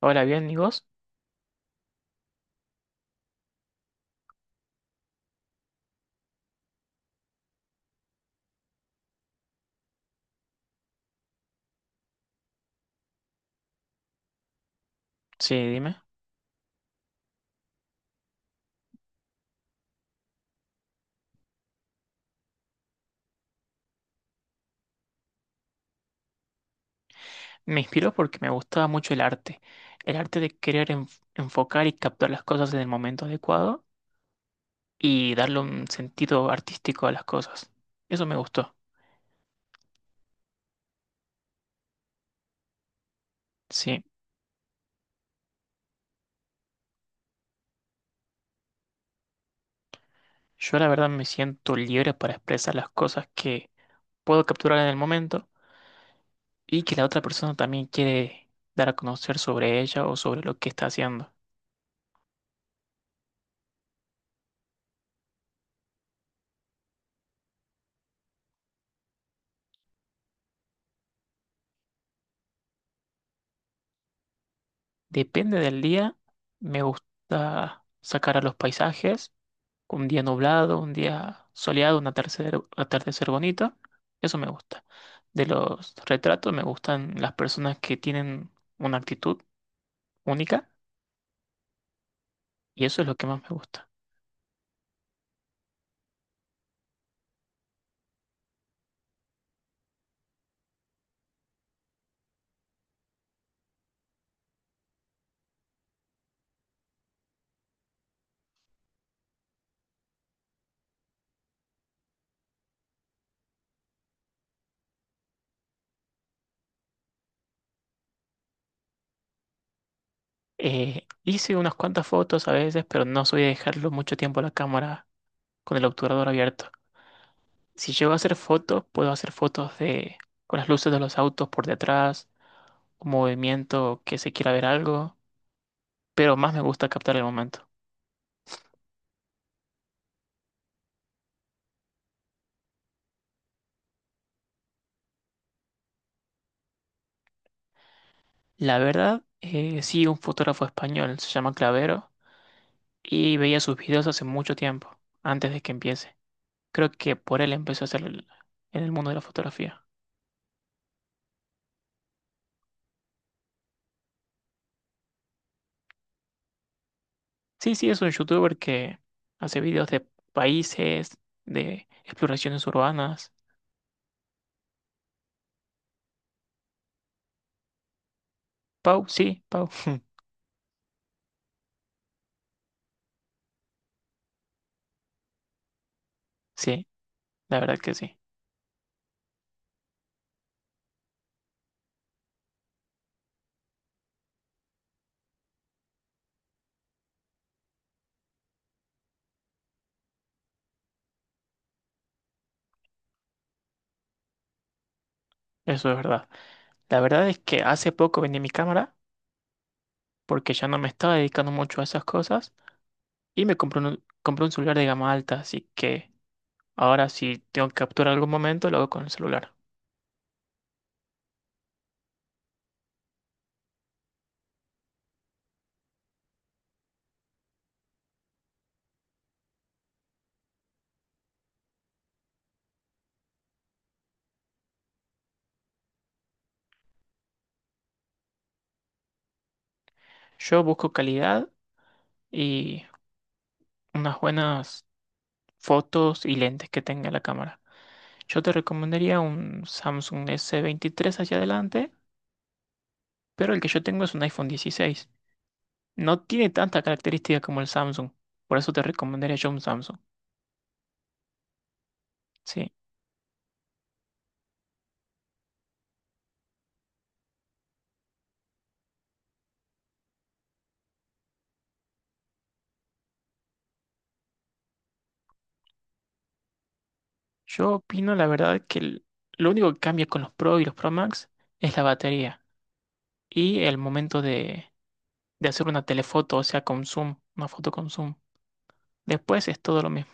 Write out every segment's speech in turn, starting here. Hola, bien, ¿y vos? Sí, dime. Me inspiró porque me gustaba mucho el arte. El arte de querer enfocar y captar las cosas en el momento adecuado y darle un sentido artístico a las cosas. Eso me gustó. Sí, yo la verdad me siento libre para expresar las cosas que puedo capturar en el momento y que la otra persona también quiere dar a conocer sobre ella o sobre lo que está haciendo. Depende del día, me gusta sacar a los paisajes. Un día nublado, un día soleado, un atardecer, atardecer bonito. Eso me gusta. De los retratos me gustan las personas que tienen una actitud única y eso es lo que más me gusta. Hice unas cuantas fotos a veces, pero no soy de dejarlo mucho tiempo a la cámara con el obturador abierto. Si llego a hacer fotos, puedo hacer fotos de con las luces de los autos por detrás, un movimiento que se quiera ver algo, pero más me gusta captar el momento. La verdad, sí, un fotógrafo español, se llama Clavero, y veía sus videos hace mucho tiempo, antes de que empiece. Creo que por él empezó a hacer en el mundo de la fotografía. Sí, sí, es un youtuber que hace videos de países, de exploraciones urbanas. Pau, sí, Pau. Sí, la verdad que sí, eso es verdad. La verdad es que hace poco vendí mi cámara porque ya no me estaba dedicando mucho a esas cosas y me compré un celular de gama alta, así que... Ahora, si tengo que capturar algún momento, lo hago con el celular. Yo busco calidad y unas buenas fotos y lentes que tenga la cámara. Yo te recomendaría un Samsung S23 hacia adelante, pero el que yo tengo es un iPhone 16. No tiene tanta característica como el Samsung, por eso te recomendaría yo un Samsung. Sí, yo opino la verdad que lo único que cambia con los Pro y los Pro Max es la batería y el momento de hacer una telefoto, o sea, con zoom, una foto con zoom. Después es todo lo mismo.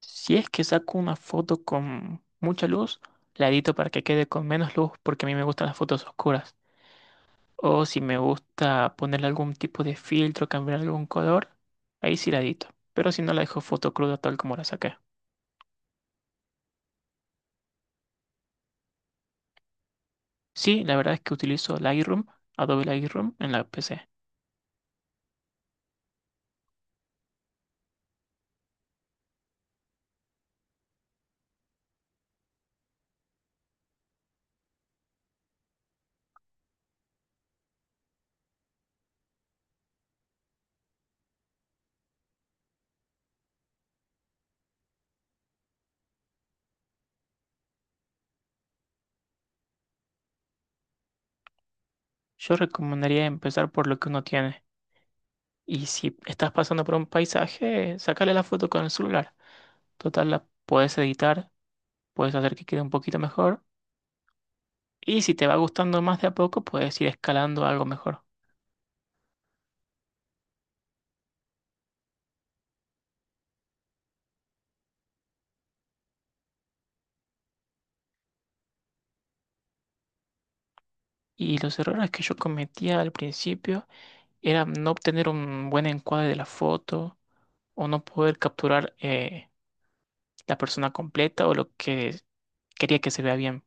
Si es que saco una foto con mucha luz, la edito para que quede con menos luz porque a mí me gustan las fotos oscuras. O si me gusta ponerle algún tipo de filtro, cambiar algún color, ahí sí la edito. Pero si no, la dejo foto cruda tal como la saqué. Sí, la verdad es que utilizo Lightroom, Adobe Lightroom, en la PC. Yo recomendaría empezar por lo que uno tiene. Y si estás pasando por un paisaje, sácale la foto con el celular. Total, la puedes editar, puedes hacer que quede un poquito mejor. Y si te va gustando más de a poco, puedes ir escalando a algo mejor. Y los errores que yo cometía al principio eran no obtener un buen encuadre de la foto o no poder capturar la persona completa o lo que quería que se vea bien.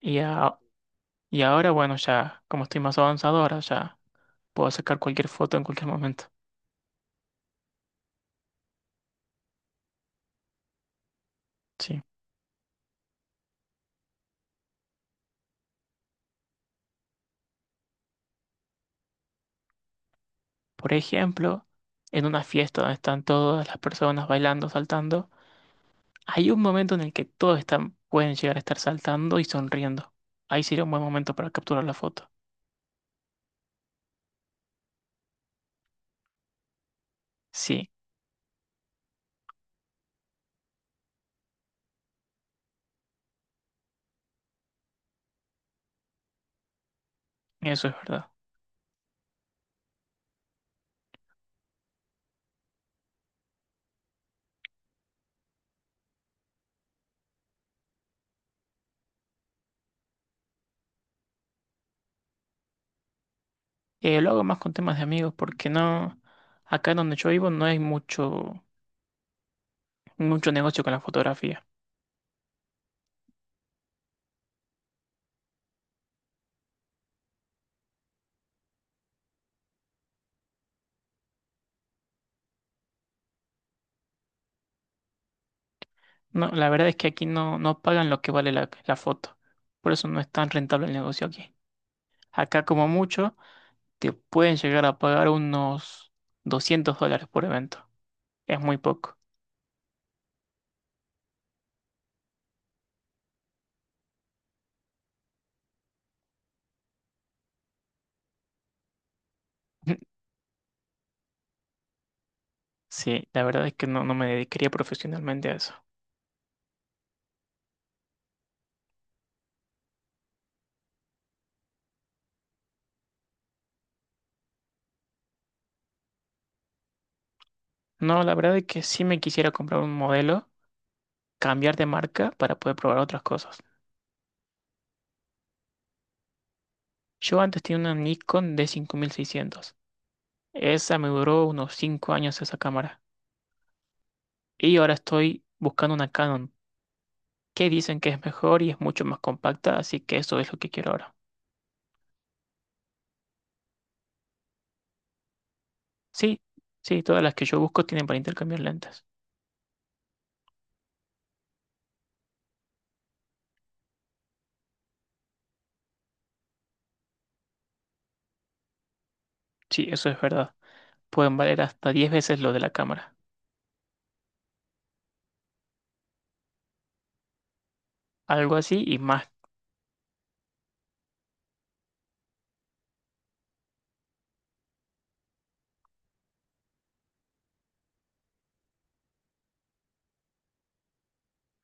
Y, a- y ahora, bueno, ya como estoy más avanzado, ahora ya puedo sacar cualquier foto en cualquier momento. Sí. Por ejemplo, en una fiesta donde están todas las personas bailando, saltando. Hay un momento en el que todos están, pueden llegar a estar saltando y sonriendo. Ahí sería un buen momento para capturar la foto. Sí, eso es verdad. Lo hago más con temas de amigos porque no, acá donde yo vivo no hay mucho, mucho negocio con la fotografía. No, la verdad es que aquí no, no pagan lo que vale la foto. Por eso no es tan rentable el negocio aquí. Acá como mucho te pueden llegar a pagar unos $200 por evento. Es muy poco. Sí, la verdad es que no, no me dedicaría profesionalmente a eso. No, la verdad es que sí me quisiera comprar un modelo, cambiar de marca para poder probar otras cosas. Yo antes tenía una Nikon D5600. Esa me duró unos 5 años esa cámara. Y ahora estoy buscando una Canon, que dicen que es mejor y es mucho más compacta, así que eso es lo que quiero ahora. Sí, sí, todas las que yo busco tienen para intercambiar lentes. Sí, eso es verdad. Pueden valer hasta 10 veces lo de la cámara. Algo así y más.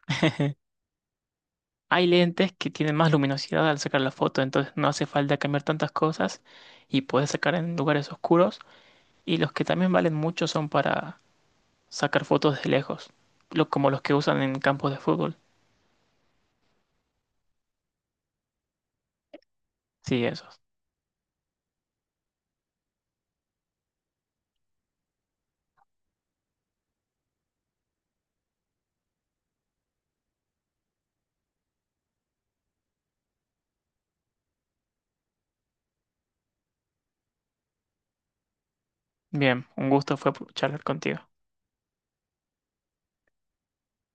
Hay lentes que tienen más luminosidad al sacar la foto, entonces no hace falta cambiar tantas cosas y puedes sacar en lugares oscuros. Y los que también valen mucho son para sacar fotos de lejos, como los que usan en campos de fútbol. Sí, esos. Bien, un gusto fue charlar contigo.